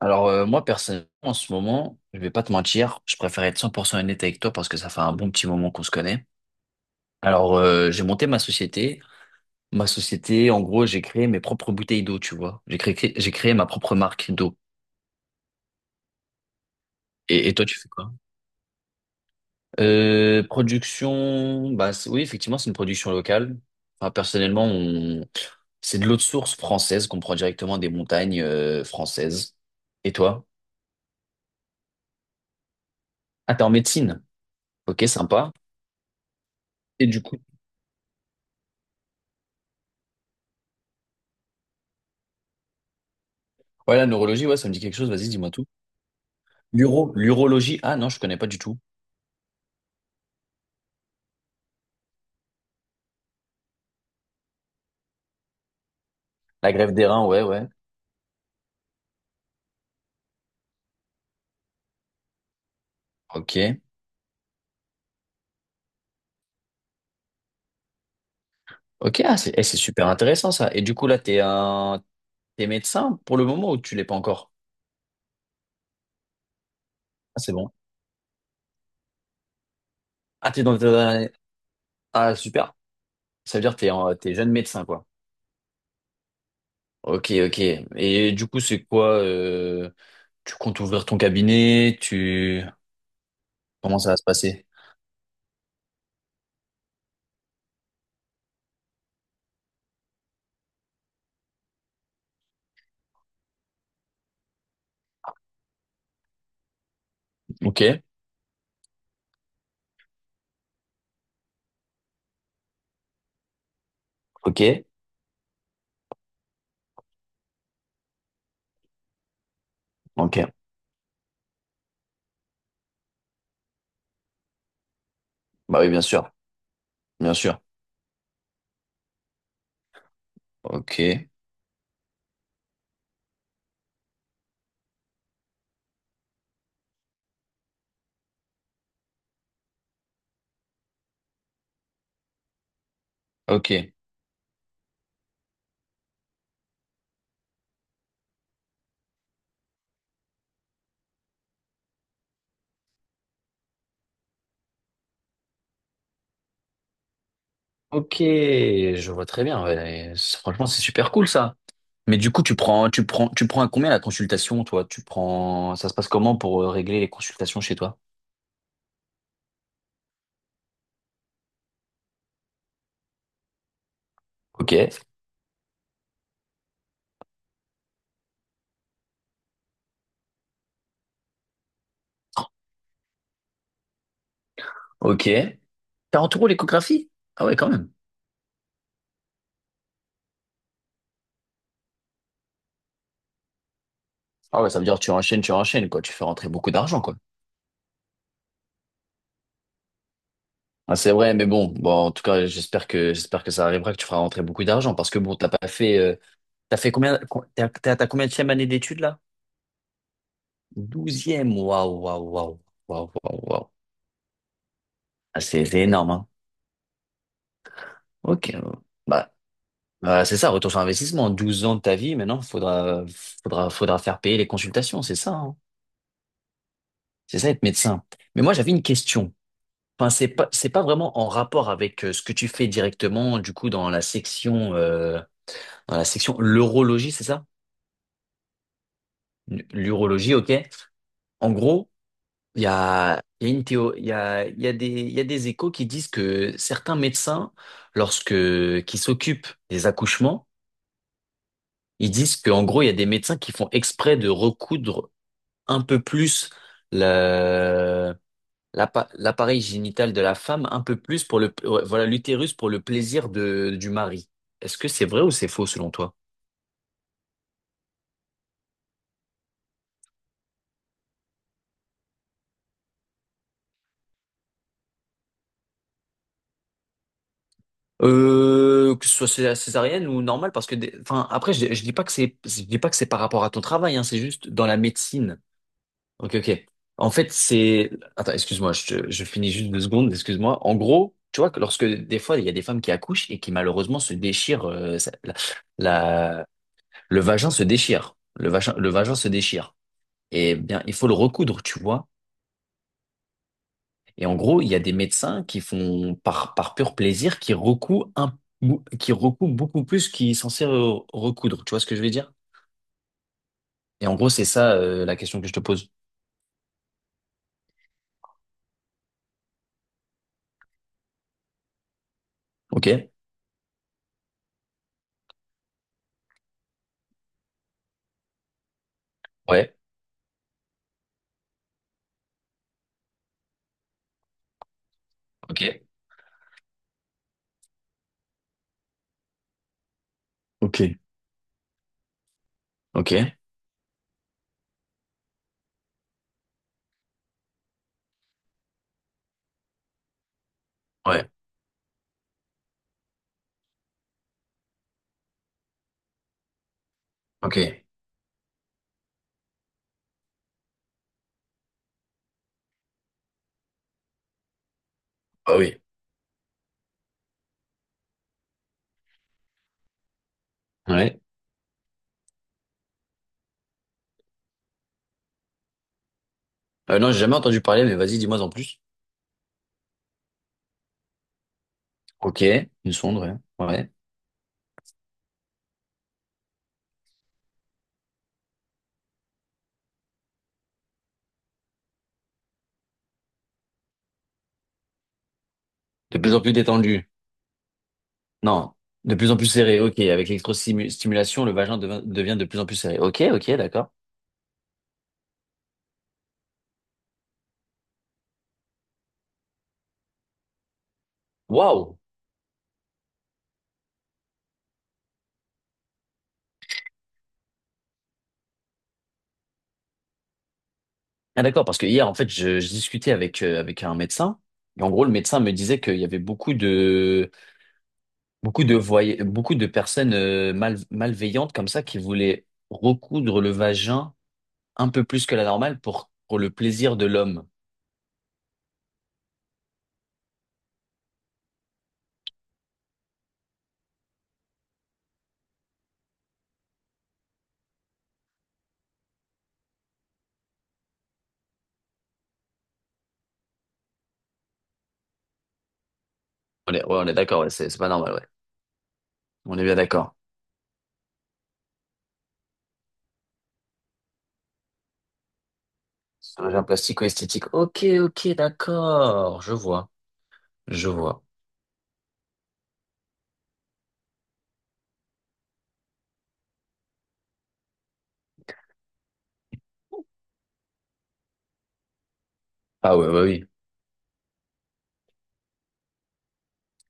Moi personnellement en ce moment, je vais pas te mentir, je préfère être 100% honnête avec toi parce que ça fait un bon petit moment qu'on se connaît. J'ai monté ma société. Ma société, en gros, j'ai créé mes propres bouteilles d'eau, tu vois. J'ai créé ma propre marque d'eau. Et toi, tu fais quoi? Production, oui, effectivement, c'est une production locale. Enfin, personnellement, on... c'est de l'eau de source française qu'on prend directement des montagnes françaises. Et toi? Ah, t'es en médecine. Ok, sympa. Et du coup. Ouais, la neurologie, ouais, ça me dit quelque chose. Vas-y, dis-moi tout. L'urologie. Ah non, je connais pas du tout. La greffe des reins, ouais, ouais. Ok. Ok, c'est super intéressant ça. Et du coup, là, t'es un... t'es médecin pour le moment ou tu l'es pas encore? Ah, c'est bon. Ah, t'es dans ta- Ah, super. Ça veut dire que t'es en... t'es jeune médecin, quoi. Ok, ok. Et du coup, c'est quoi tu comptes ouvrir ton cabinet? Tu... Comment ça va se passer? Ok, ok, ok. Bah oui, bien sûr, bien sûr. Ok, ok. Ok, je vois très bien. Ouais. C'est- Franchement, c'est super cool ça. Mais du coup, tu prends à combien la consultation, toi? Tu prends, ça se passe comment pour régler les consultations chez toi? Ok, ok. 40 euros l'échographie? Ah ouais, quand même. Ah ouais, ça veut dire que tu enchaînes, quoi. Tu fais rentrer beaucoup d'argent, quoi. Ah, c'est vrai, mais bon, bon, en tout cas, j'espère que ça arrivera, que tu feras rentrer beaucoup d'argent, parce que bon, t'as pas fait, t'as fait combien, t'as combien de année d'études là? Douzième, waouh, waouh, waouh, waouh, waouh, waouh. Ah, c'est énorme, hein. Ok. Bah, c'est ça, retour sur investissement. 12 ans de ta vie, maintenant, faudra faire payer les consultations, c'est ça, hein. C'est ça, être médecin. Mais moi, j'avais une question. Enfin, c'est pas vraiment en rapport avec ce que tu fais directement, du coup, dans la section l'urologie, c'est ça? L'urologie, ok. En gros, il y a des échos qui disent que certains médecins, lorsque, qui s'occupent des accouchements, ils disent qu'en gros, il y a des médecins qui font exprès de recoudre un peu plus la- l'appareil génital de la femme, un peu plus pour le, ouais, voilà, l'utérus pour le plaisir de, du mari. Est-ce que c'est vrai ou c'est faux selon toi? Que ce soit cé- césarienne ou normale, parce que, des- enfin, après, je dis pas que c'est par rapport à ton travail, hein, c'est juste dans la médecine. Ok, ok. En fait, c'est... Attends, excuse-moi, je finis juste 2 secondes, excuse-moi. En gros, tu vois, que lorsque des fois, il y a des femmes qui accouchent et qui malheureusement se déchirent, ça- la- le vagin se déchire, le vagin se déchire. Et bien, il faut le recoudre, tu vois. Et en gros, il y a des médecins qui font, par pur plaisir, qui recouent un, bou- qui recouent beaucoup plus qu'ils sont censés re- recoudre, tu vois ce que je veux dire? Et en gros, c'est ça, la question que je te pose. Ok? Ouais. Ok. Ok. Ok. Ouais. Ok. Ah oui. Ouais. Non, j'ai jamais entendu parler, mais vas-y, dis-moi en plus. Ok, une sonde, ouais. Ouais. De plus en plus détendu. Non, de plus en plus serré. Ok, avec l'électrostimulation, devient de plus en plus serré. Ok, ok, d'accord. Waouh. Ah d'accord, parce que hier, en fait, je discutais avec avec un médecin. Et en gros, le médecin me disait qu'il y avait beaucoup de personnes mal- malveillantes comme ça qui voulaient recoudre le vagin un peu plus que la normale pour le plaisir de l'homme. On est, ouais, on est d'accord, ouais, c'est pas normal, ouais. On est bien d'accord. Chirurgien plastique ou esthétique. Ok, ok, d'accord. Je vois, je vois. Ah ouais, bah oui.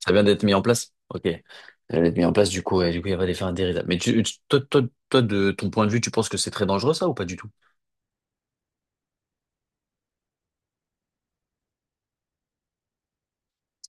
Ça vient d'être mis en place. Ok. Ça vient d'être mis en place, du coup, et du coup, il va aller faire un dérive. Mais tu- toi, toi, toi, de ton point de vue, tu penses que c'est très dangereux, ça, ou pas du tout?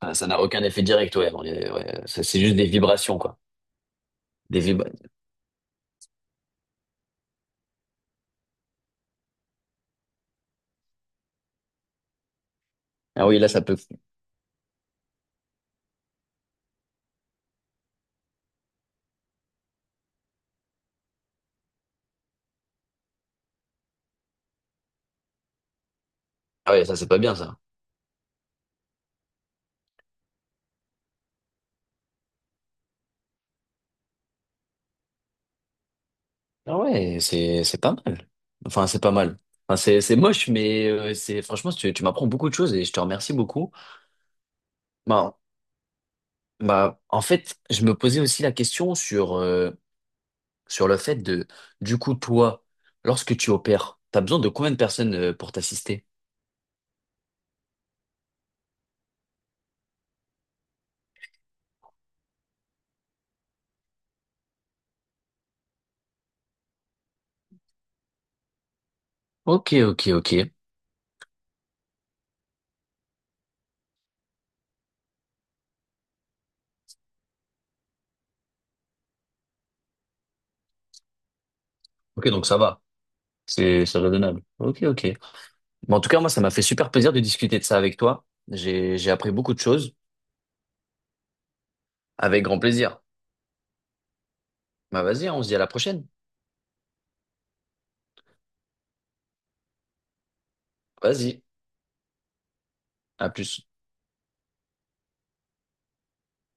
Ah, ça n'a aucun effet direct, ouais. On est- ouais. Ça, c'est juste des vibrations, quoi. Des vibra- Ah oui, là, ça peut. Ah ouais, ça, c'est pas bien, ça. Ah ouais, c'est pas mal. Enfin, c'est pas mal. Enfin, c'est moche, mais c'est, franchement, tu m'apprends beaucoup de choses et je te remercie beaucoup. Bah, bah, en fait, je me posais aussi la question sur, sur le fait de, du coup, toi, lorsque tu opères, t'as besoin de combien de personnes pour t'assister? Ok, ok, ok. Ok, donc ça va. C'est raisonnable. Ok, ok. Mais en tout cas, moi, ça m'a fait super plaisir de discuter de ça avec toi. J'ai appris beaucoup de choses. Avec grand plaisir. Bah, vas-y, hein, on se dit à la prochaine. Vas-y. À plus.